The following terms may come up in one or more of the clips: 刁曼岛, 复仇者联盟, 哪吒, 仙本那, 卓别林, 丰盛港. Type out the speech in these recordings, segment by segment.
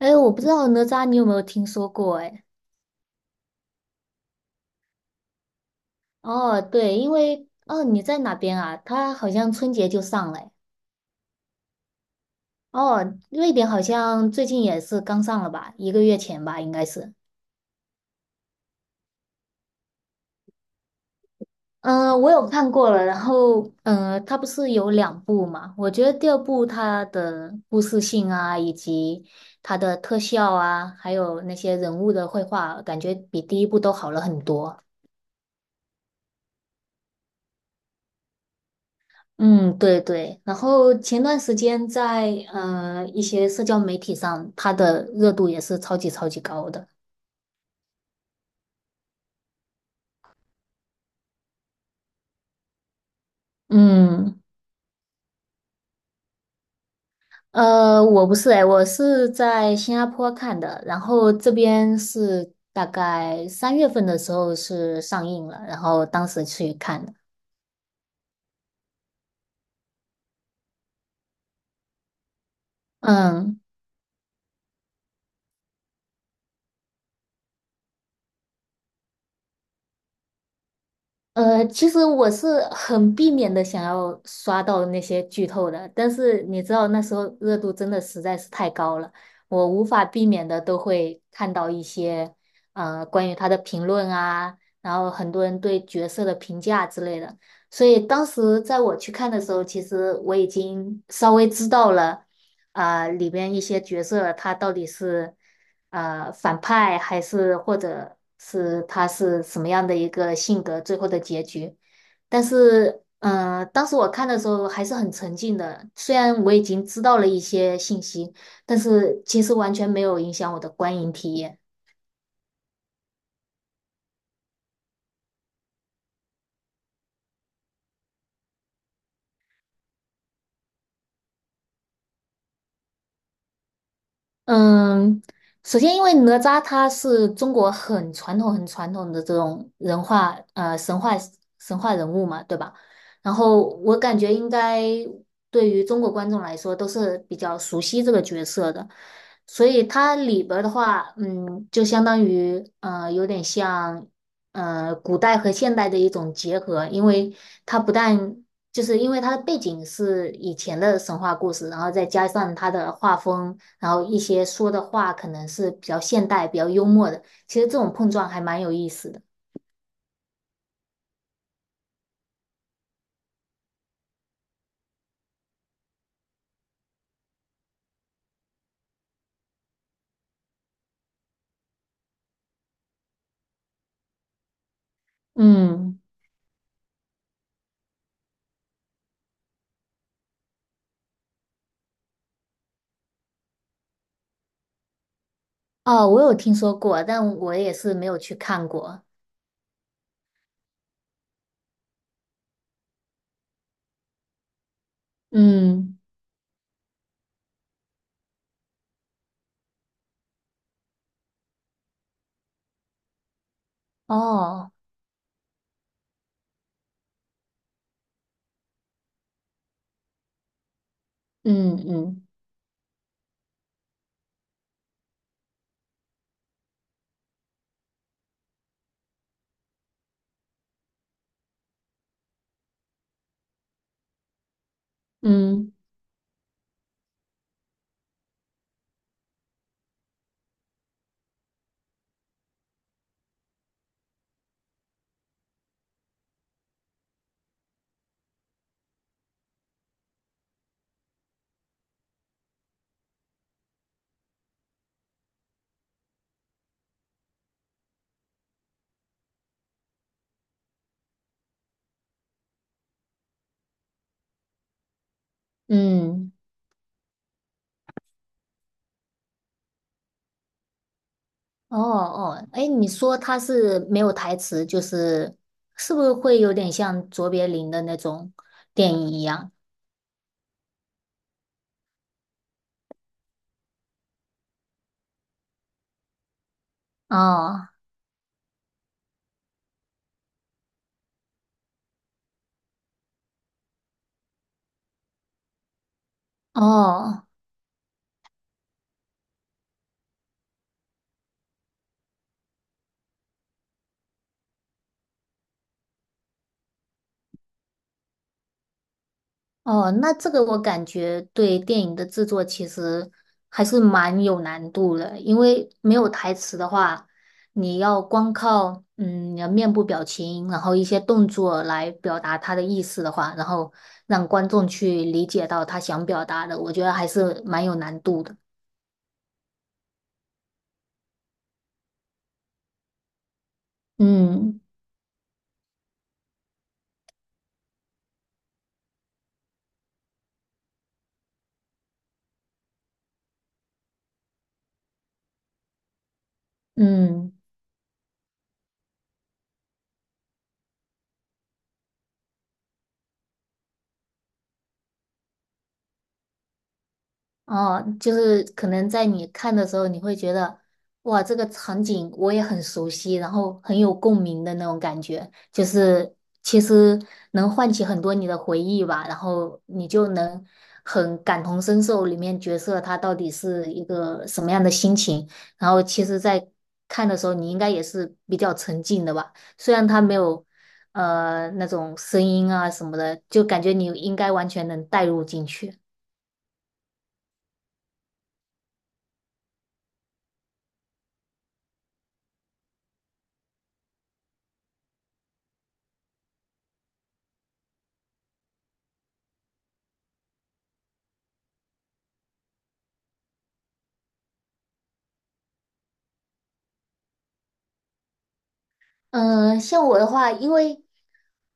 哎，我不知道哪吒你有没有听说过？哎，哦，对，因为你在哪边啊？他好像春节就上了诶。哦，瑞典好像最近也是刚上了吧？一个月前吧，应该是。嗯、我有看过了。然后，它不是有两部嘛？我觉得第二部它的故事性啊，以及它的特效啊，还有那些人物的绘画，感觉比第一部都好了很多。嗯，对对。然后前段时间在一些社交媒体上，它的热度也是超级超级高的。嗯，我不是哎，我是在新加坡看的，然后这边是大概三月份的时候是上映了，然后当时去看的。嗯。其实我是很避免的想要刷到那些剧透的，但是你知道那时候热度真的实在是太高了，我无法避免的都会看到一些关于他的评论啊，然后很多人对角色的评价之类的，所以当时在我去看的时候，其实我已经稍微知道了里边一些角色他到底是。反派，还是或者是他是什么样的一个性格，最后的结局。但是，嗯，当时我看的时候还是很沉浸的，虽然我已经知道了一些信息，但是其实完全没有影响我的观影体验。嗯，首先，因为哪吒他是中国很传统、很传统的这种人化神话人物嘛，对吧？然后我感觉应该对于中国观众来说都是比较熟悉这个角色的，所以它里边儿的话，嗯，就相当于有点像古代和现代的一种结合，因为它不但就是因为它的背景是以前的神话故事，然后再加上它的画风。然后一些说的话可能是比较现代、比较幽默的。其实这种碰撞还蛮有意思的。嗯。哦，我有听说过，但我也是没有去看过。嗯。哦。嗯嗯嗯嗯，哦哦，哎，你说他是没有台词，就是是不是会有点像卓别林的那种电影一样？哦哦。哦，那这个我感觉对电影的制作其实还是蛮有难度的，因为没有台词的话，你要光靠你的面部表情，然后一些动作来表达他的意思的话，然后让观众去理解到他想表达的，我觉得还是蛮有难度的。嗯嗯。哦，就是可能在你看的时候，你会觉得，哇，这个场景我也很熟悉，然后很有共鸣的那种感觉，就是其实能唤起很多你的回忆吧，然后你就能很感同身受里面角色他到底是一个什么样的心情，然后其实，在看的时候，你应该也是比较沉浸的吧，虽然他没有那种声音啊什么的，就感觉你应该完全能带入进去。嗯，像我的话，因为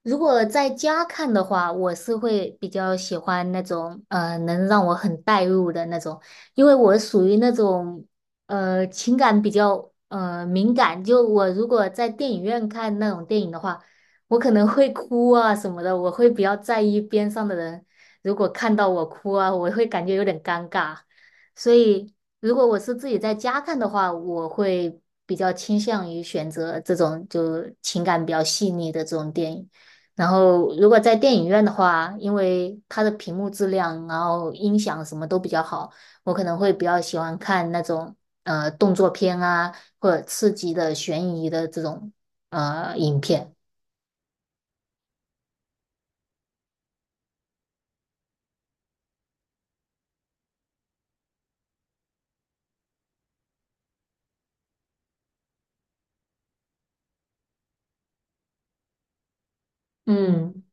如果在家看的话，我是会比较喜欢那种能让我很带入的那种，因为我属于那种情感比较敏感，就我如果在电影院看那种电影的话，我可能会哭啊什么的，我会比较在意边上的人，如果看到我哭啊，我会感觉有点尴尬，所以。如果我是自己在家看的话，我会比较倾向于选择这种就情感比较细腻的这种电影。然后，如果在电影院的话，因为它的屏幕质量，然后音响什么都比较好，我可能会比较喜欢看那种动作片啊，或者刺激的、悬疑的这种影片。嗯，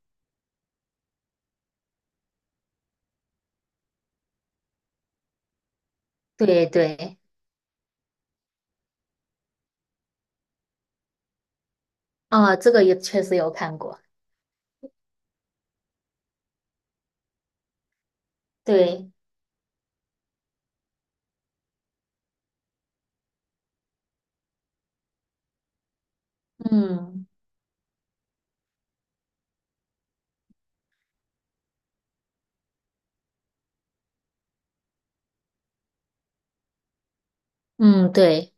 对对。啊，这个也确实有看过。对。嗯嗯。对。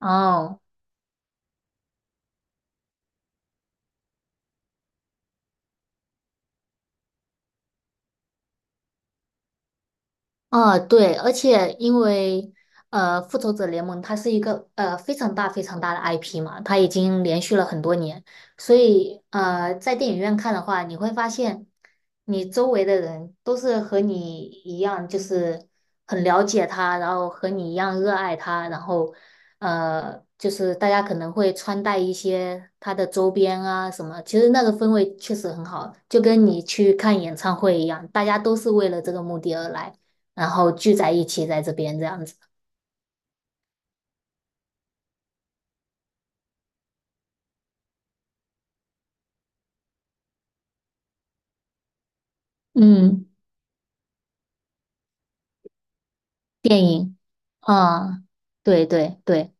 哦。啊，对，而且因为复仇者联盟》它是一个非常大非常大的 IP 嘛，它已经连续了很多年，所以在电影院看的话，你会发现你周围的人都是和你一样，就是很了解它，然后和你一样热爱它，然后就是大家可能会穿戴一些它的周边啊什么，其实那个氛围确实很好，就跟你去看演唱会一样，大家都是为了这个目的而来。然后聚在一起在这边这样子。嗯，电影啊，对对对。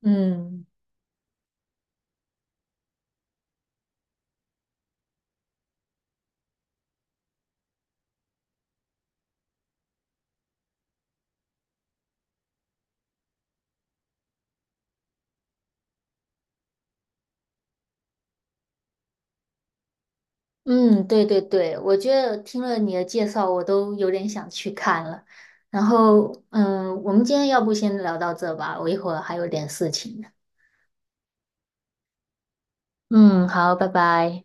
嗯嗯，对对对，我觉得听了你的介绍，我都有点想去看了。然后，嗯，我们今天要不先聊到这吧，我一会儿还有点事情。嗯，好，拜拜。